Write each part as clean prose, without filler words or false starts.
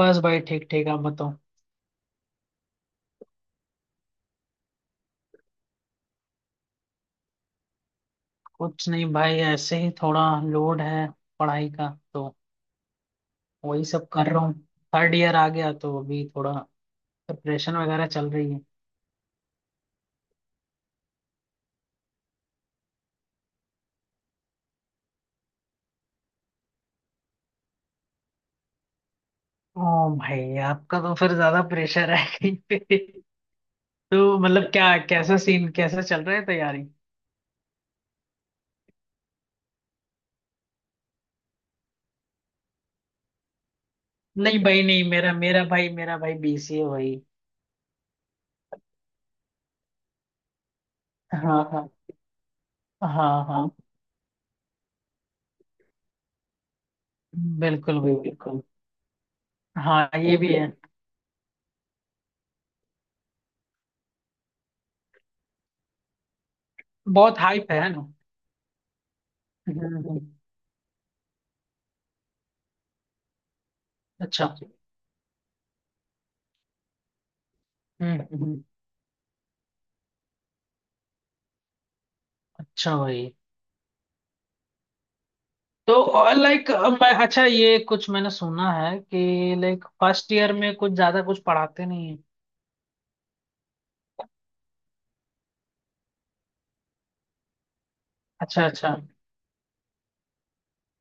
बस भाई, ठीक ठीक। आप बताओ। कुछ नहीं भाई, ऐसे ही थोड़ा लोड है पढ़ाई का तो वही सब कर रहा हूँ। थर्ड ईयर आ गया तो अभी थोड़ा प्रिपरेशन वगैरह चल रही है। ओ। भाई आपका तो फिर ज्यादा प्रेशर है कहीं पे। तो मतलब क्या, कैसा सीन, कैसा चल रहा है तैयारी? नहीं भाई, नहीं, मेरा मेरा भाई, मेरा भाई बीसीए भाई। हाँ हाँ, हाँ हाँ, बिल्कुल भाई बिल्कुल। हाँ, ये भी है। बहुत हाइप है ना। हम्म। अच्छा। हम्म। अच्छा भाई। तो लाइक, मैं, अच्छा, ये कुछ मैंने सुना है कि लाइक फर्स्ट ईयर में कुछ ज्यादा कुछ पढ़ाते नहीं है। अच्छा अच्छा।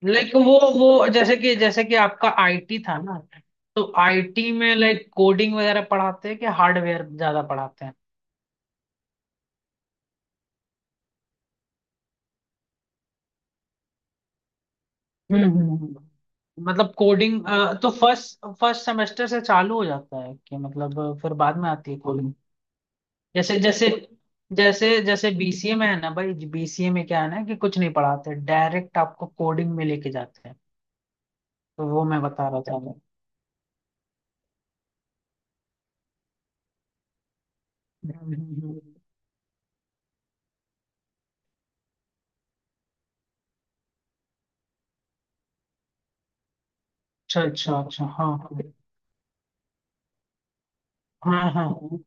लाइक वो, जैसे कि आपका आईटी था ना। तो आईटी में लाइक कोडिंग वगैरह पढ़ाते हैं कि हार्डवेयर ज्यादा पढ़ाते हैं? मतलब कोडिंग तो फर्स्ट फर्स्ट सेमेस्टर से चालू हो जाता है कि मतलब फिर बाद में आती है? जैसे जैसे जैसे जैसे बीसीए में है ना भाई। बीसीए में क्या है ना कि कुछ नहीं पढ़ाते, डायरेक्ट आपको कोडिंग में लेके जाते हैं। तो वो मैं बता रहा था। हम्म। हम्म, हम्म। अच्छा अच्छा अच्छा। हाँ हाँ हाँ हाँ।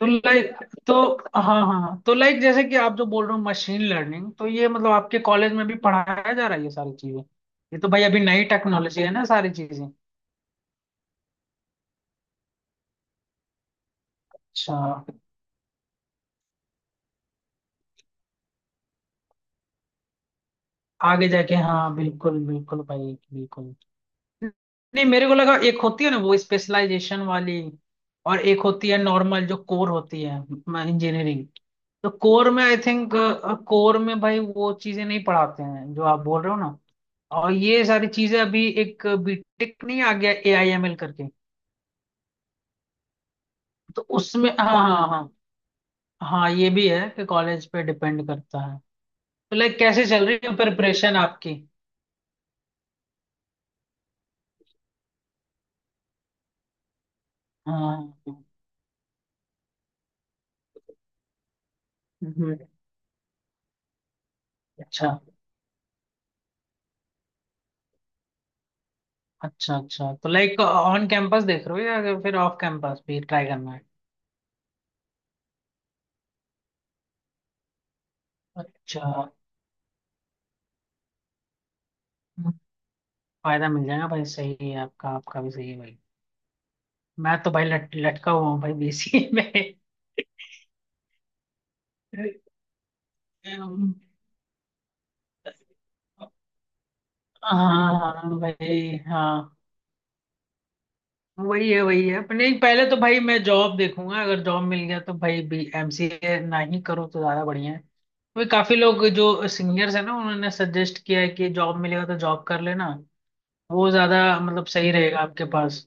तो लाइक, तो हाँ हाँ हाँ। तो लाइक, जैसे कि आप जो बोल रहे हो मशीन लर्निंग, तो ये मतलब आपके कॉलेज में भी पढ़ाया जा रहा है ये सारी चीजें? ये तो भाई अभी नई टेक्नोलॉजी है ना सारी चीजें। अच्छा। आगे जाके हाँ, बिल्कुल बिल्कुल भाई बिल्कुल। नहीं, मेरे को लगा एक होती है ना वो स्पेशलाइजेशन वाली, और एक होती है नॉर्मल जो कोर होती है, इंजीनियरिंग। तो कोर में आई थिंक कोर में भाई वो चीजें नहीं पढ़ाते हैं जो आप बोल रहे हो ना। और ये सारी चीजें अभी एक बीटेक नहीं आ गया AIML करके। तो उसमें, हाँ हाँ हाँ। हाँ ये भी है कि कॉलेज पे डिपेंड करता है। तो लाइक, कैसे चल रही है प्रिपरेशन आपकी? हाँ, हम्म। अच्छा अच्छा अच्छा। तो लाइक ऑन कैंपस देख रहे हो या फिर ऑफ कैंपस भी ट्राई करना है? अच्छा, हम्म। फायदा मिल जाएगा भाई, सही है। आपका आपका भी सही है भाई। मैं तो भाई लटका हुआ हूँ भाई बीसीए में। हाँ हाँ भाई, हाँ। वही है अपने। पहले तो भाई मैं जॉब देखूंगा। अगर जॉब मिल गया तो भाई बी एमसीए ना ही करो तो ज्यादा बढ़िया है। वही, काफी लोग जो सीनियर्स है ना उन्होंने सजेस्ट किया है कि जॉब मिलेगा तो जॉब कर लेना, वो ज्यादा मतलब सही रहेगा आपके पास।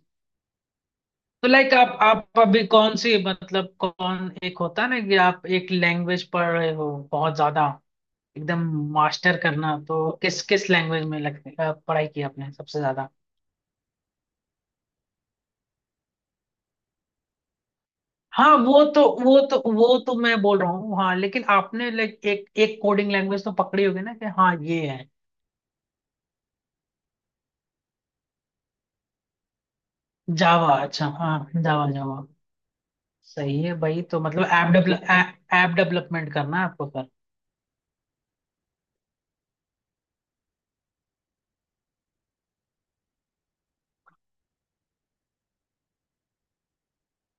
तो लाइक आप अभी कौन सी, मतलब कौन, एक होता है ना कि आप एक लैंग्वेज पढ़ रहे हो बहुत ज्यादा, एकदम मास्टर करना, तो किस किस लैंग्वेज में पढ़ाई की आपने सबसे ज्यादा? हाँ वो तो मैं बोल रहा हूँ, हाँ, लेकिन आपने लाइक एक एक कोडिंग लैंग्वेज तो पकड़ी होगी ना कि हाँ ये है। जावा, अच्छा, हाँ जावा जावा। सही है भाई। तो मतलब ऐप डेवलपमेंट करना है आपको फिर?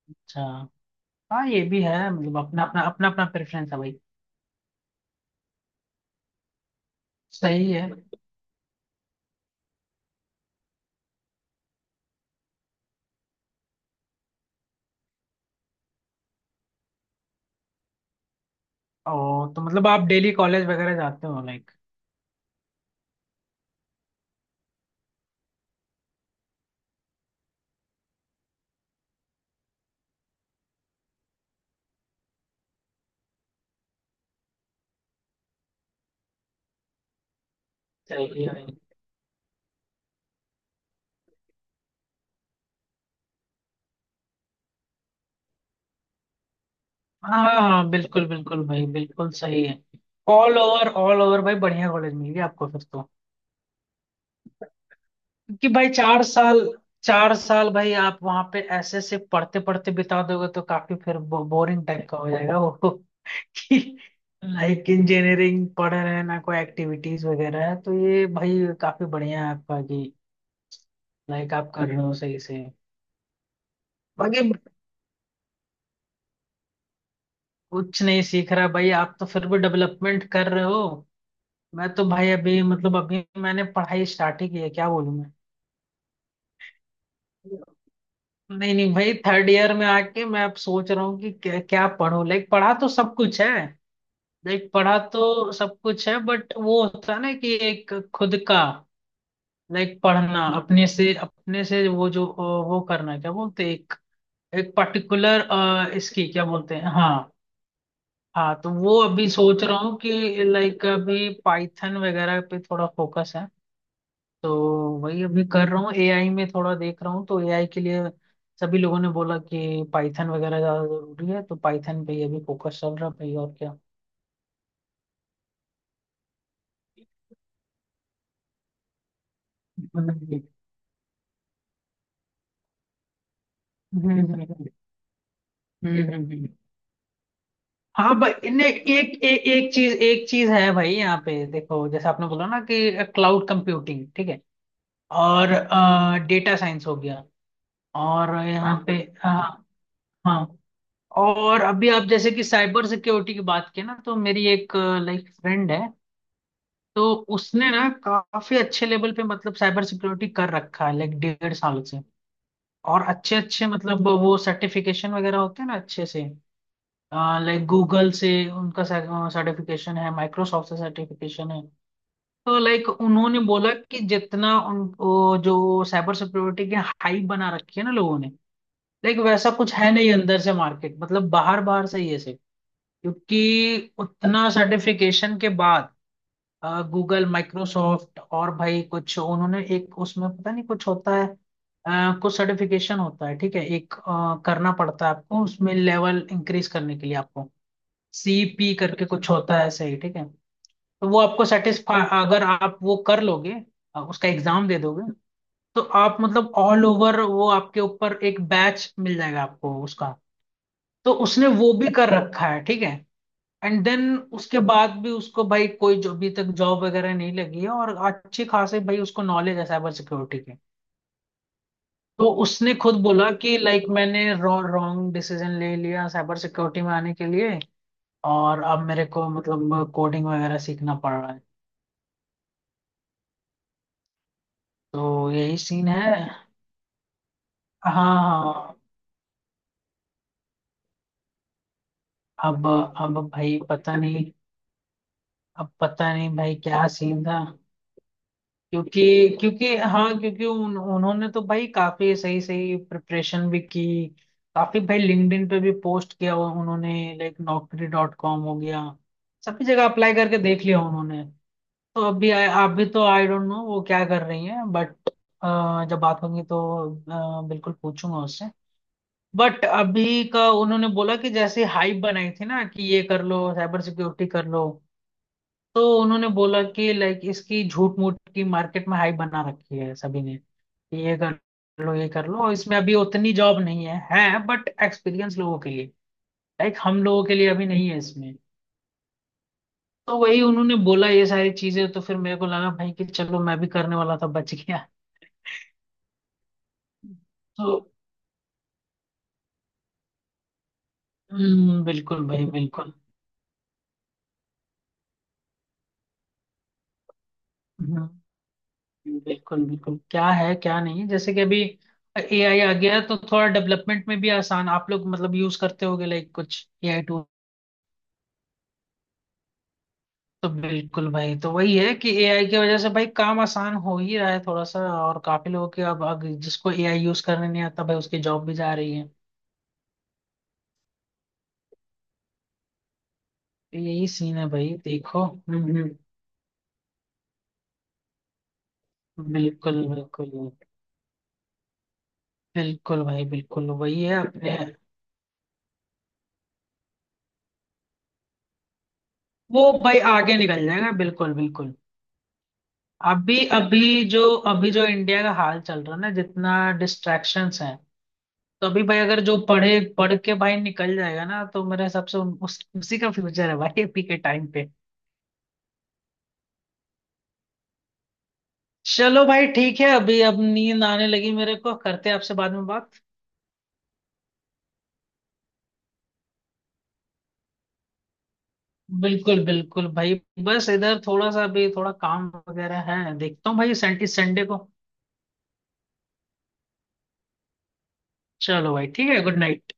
अच्छा। हाँ ये भी है, मतलब अपना अपना प्रेफरेंस है भाई। सही है। और तो मतलब आप डेली कॉलेज वगैरह जाते हो लाइक? सही है भाई। हाँ हाँ हाँ, बिल्कुल बिल्कुल भाई बिल्कुल सही है। ऑल ओवर, ऑल ओवर भाई बढ़िया कॉलेज मिल गया आपको फिर तो। क्योंकि भाई 4 साल, चार साल भाई आप वहां पे ऐसे ऐसे पढ़ते पढ़ते बिता दोगे तो काफी फिर बोरिंग टाइप का हो जाएगा वो। कि लाइक इंजीनियरिंग पढ़ रहे हैं ना, कोई एक्टिविटीज वगैरह है, तो ये भाई काफी बढ़िया है आपका कि लाइक आप कर रहे हो सही से। बाकी, कुछ नहीं सीख रहा भाई, आप तो फिर भी डेवलपमेंट कर रहे हो। मैं तो भाई अभी, मतलब अभी मैंने पढ़ाई स्टार्ट ही की है, क्या बोलूं मैं। नहीं नहीं भाई, थर्ड ईयर में आके मैं अब सोच रहा हूँ कि क्या पढूं, लाइक, पढ़ा तो सब कुछ है। लाइक पढ़ा तो सब कुछ है, बट वो होता है ना कि एक खुद का। लाइक पढ़ना, अपने से वो जो वो करना, क्या बोलते हैं, एक एक पर्टिकुलर। इसकी क्या बोलते हैं, हाँ। हाँ तो वो अभी सोच रहा हूँ कि लाइक अभी पाइथन वगैरह पे थोड़ा फोकस है। तो वही अभी कर रहा हूँ, एआई में थोड़ा देख रहा हूँ, तो एआई के लिए सभी लोगों ने बोला कि पाइथन वगैरह ज़्यादा ज़रूरी है, तो पाइथन पे ही अभी फोकस चल रहा है भाई और क्या। हम्म हम्म हम्म हम्म। हाँ भाई ने एक एक एक चीज, एक चीज है भाई यहाँ पे देखो, जैसे आपने बोला ना कि क्लाउड कंप्यूटिंग ठीक है, और डेटा साइंस हो गया, और यहाँ पे, हाँ, हाँ। और अभी आप जैसे कि साइबर सिक्योरिटी की बात की ना, तो मेरी एक, लाइक, फ्रेंड है। तो उसने ना काफी अच्छे लेवल पे मतलब साइबर सिक्योरिटी कर रखा है लाइक 1.5 साल से। और अच्छे अच्छे मतलब वो सर्टिफिकेशन वगैरह होते हैं ना अच्छे से। लाइक गूगल से उनका सर्टिफिकेशन है, माइक्रोसॉफ्ट से सर्टिफिकेशन है। तो लाइक उन्होंने बोला कि जितना उन वो जो साइबर सिक्योरिटी की हाइप बना रखी है ना लोगों ने, लाइक वैसा कुछ है नहीं, अंदर से मार्केट मतलब बाहर बाहर से ही है। क्योंकि उतना सर्टिफिकेशन के बाद गूगल, माइक्रोसॉफ्ट, और भाई कुछ उन्होंने एक उसमें पता नहीं कुछ होता है। कुछ सर्टिफिकेशन होता है ठीक है, एक करना पड़ता है आपको उसमें लेवल इंक्रीज करने के लिए आपको, CP करके कुछ होता है, सही ठीक है। तो वो आपको सेटिस्फाई, अगर आप वो कर लोगे, उसका एग्जाम दे दोगे, तो आप मतलब ऑल ओवर वो आपके ऊपर एक बैच मिल जाएगा आपको उसका। तो उसने वो भी कर रखा है ठीक है। एंड देन उसके बाद भी उसको भाई कोई जो अभी तक जॉब वगैरह नहीं लगी है, और अच्छी खासी भाई उसको नॉलेज है साइबर सिक्योरिटी की। तो उसने खुद बोला कि लाइक मैंने रॉन्ग डिसीजन ले लिया साइबर सिक्योरिटी में आने के लिए, और अब मेरे को मतलब कोडिंग वगैरह सीखना पड़ रहा है। तो यही सीन है। हाँ, हाँ। अब भाई पता नहीं, अब पता नहीं भाई क्या सीन था। क्योंकि क्योंकि हाँ, क्योंकि उन्होंने तो भाई काफी सही सही प्रिपरेशन भी की। काफी भाई लिंक्डइन पे भी पोस्ट किया हुआ उन्होंने, लाइक नौकरी.कॉम हो गया, सभी जगह अप्लाई करके देख लिया उन्होंने। तो अभी आप भी तो, आई डोंट नो वो क्या कर रही हैं बट जब बात होगी तो बिल्कुल पूछूंगा उससे। बट अभी का उन्होंने बोला कि जैसे हाइप बनाई थी ना कि ये कर लो साइबर सिक्योरिटी कर लो, तो उन्होंने बोला कि लाइक इसकी झूठ मूठ की मार्केट में हाइप बना रखी है सभी ने कि ये कर लो ये कर लो, इसमें अभी उतनी जॉब नहीं है बट एक्सपीरियंस लोगों के लिए, लाइक हम लोगों के लिए अभी नहीं है इसमें। तो वही उन्होंने बोला ये सारी चीजें, तो फिर मेरे को लगा भाई कि चलो मैं भी करने वाला था, बच गया। तो हम्म। बिल्कुल भाई बिल्कुल। हम्म, बिल्कुल बिल्कुल क्या है क्या नहीं, जैसे कि अभी एआई आ गया है, तो थोड़ा डेवलपमेंट में भी आसान आप लोग मतलब यूज करते होगे लाइक कुछ एआई। तो बिल्कुल भाई, तो वही है कि एआई की वजह से भाई काम आसान हो ही रहा है थोड़ा सा, और काफी लोगों के अब जिसको एआई यूज करने नहीं आता भाई उसकी जॉब भी जा रही है। तो यही सीन है भाई देखो। बिल्कुल बिल्कुल। बिल्कुल भाई बिल्कुल। वही है अपने। वो भाई आगे निकल जाएगा बिल्कुल बिल्कुल। अभी अभी जो इंडिया का हाल चल रहा है ना जितना डिस्ट्रैक्शंस हैं, तो अभी भाई अगर जो पढ़े पढ़ के भाई निकल जाएगा ना, तो मेरे हिसाब से उसी का फ्यूचर है भाई अभी के टाइम पे। चलो भाई ठीक है अभी। अब नींद आने लगी मेरे को, करते हैं आपसे बाद में बात। बिल्कुल बिल्कुल भाई। बस इधर थोड़ा सा अभी थोड़ा काम वगैरह है, देखता हूँ भाई सैंटी संडे को। चलो भाई ठीक है। Good night.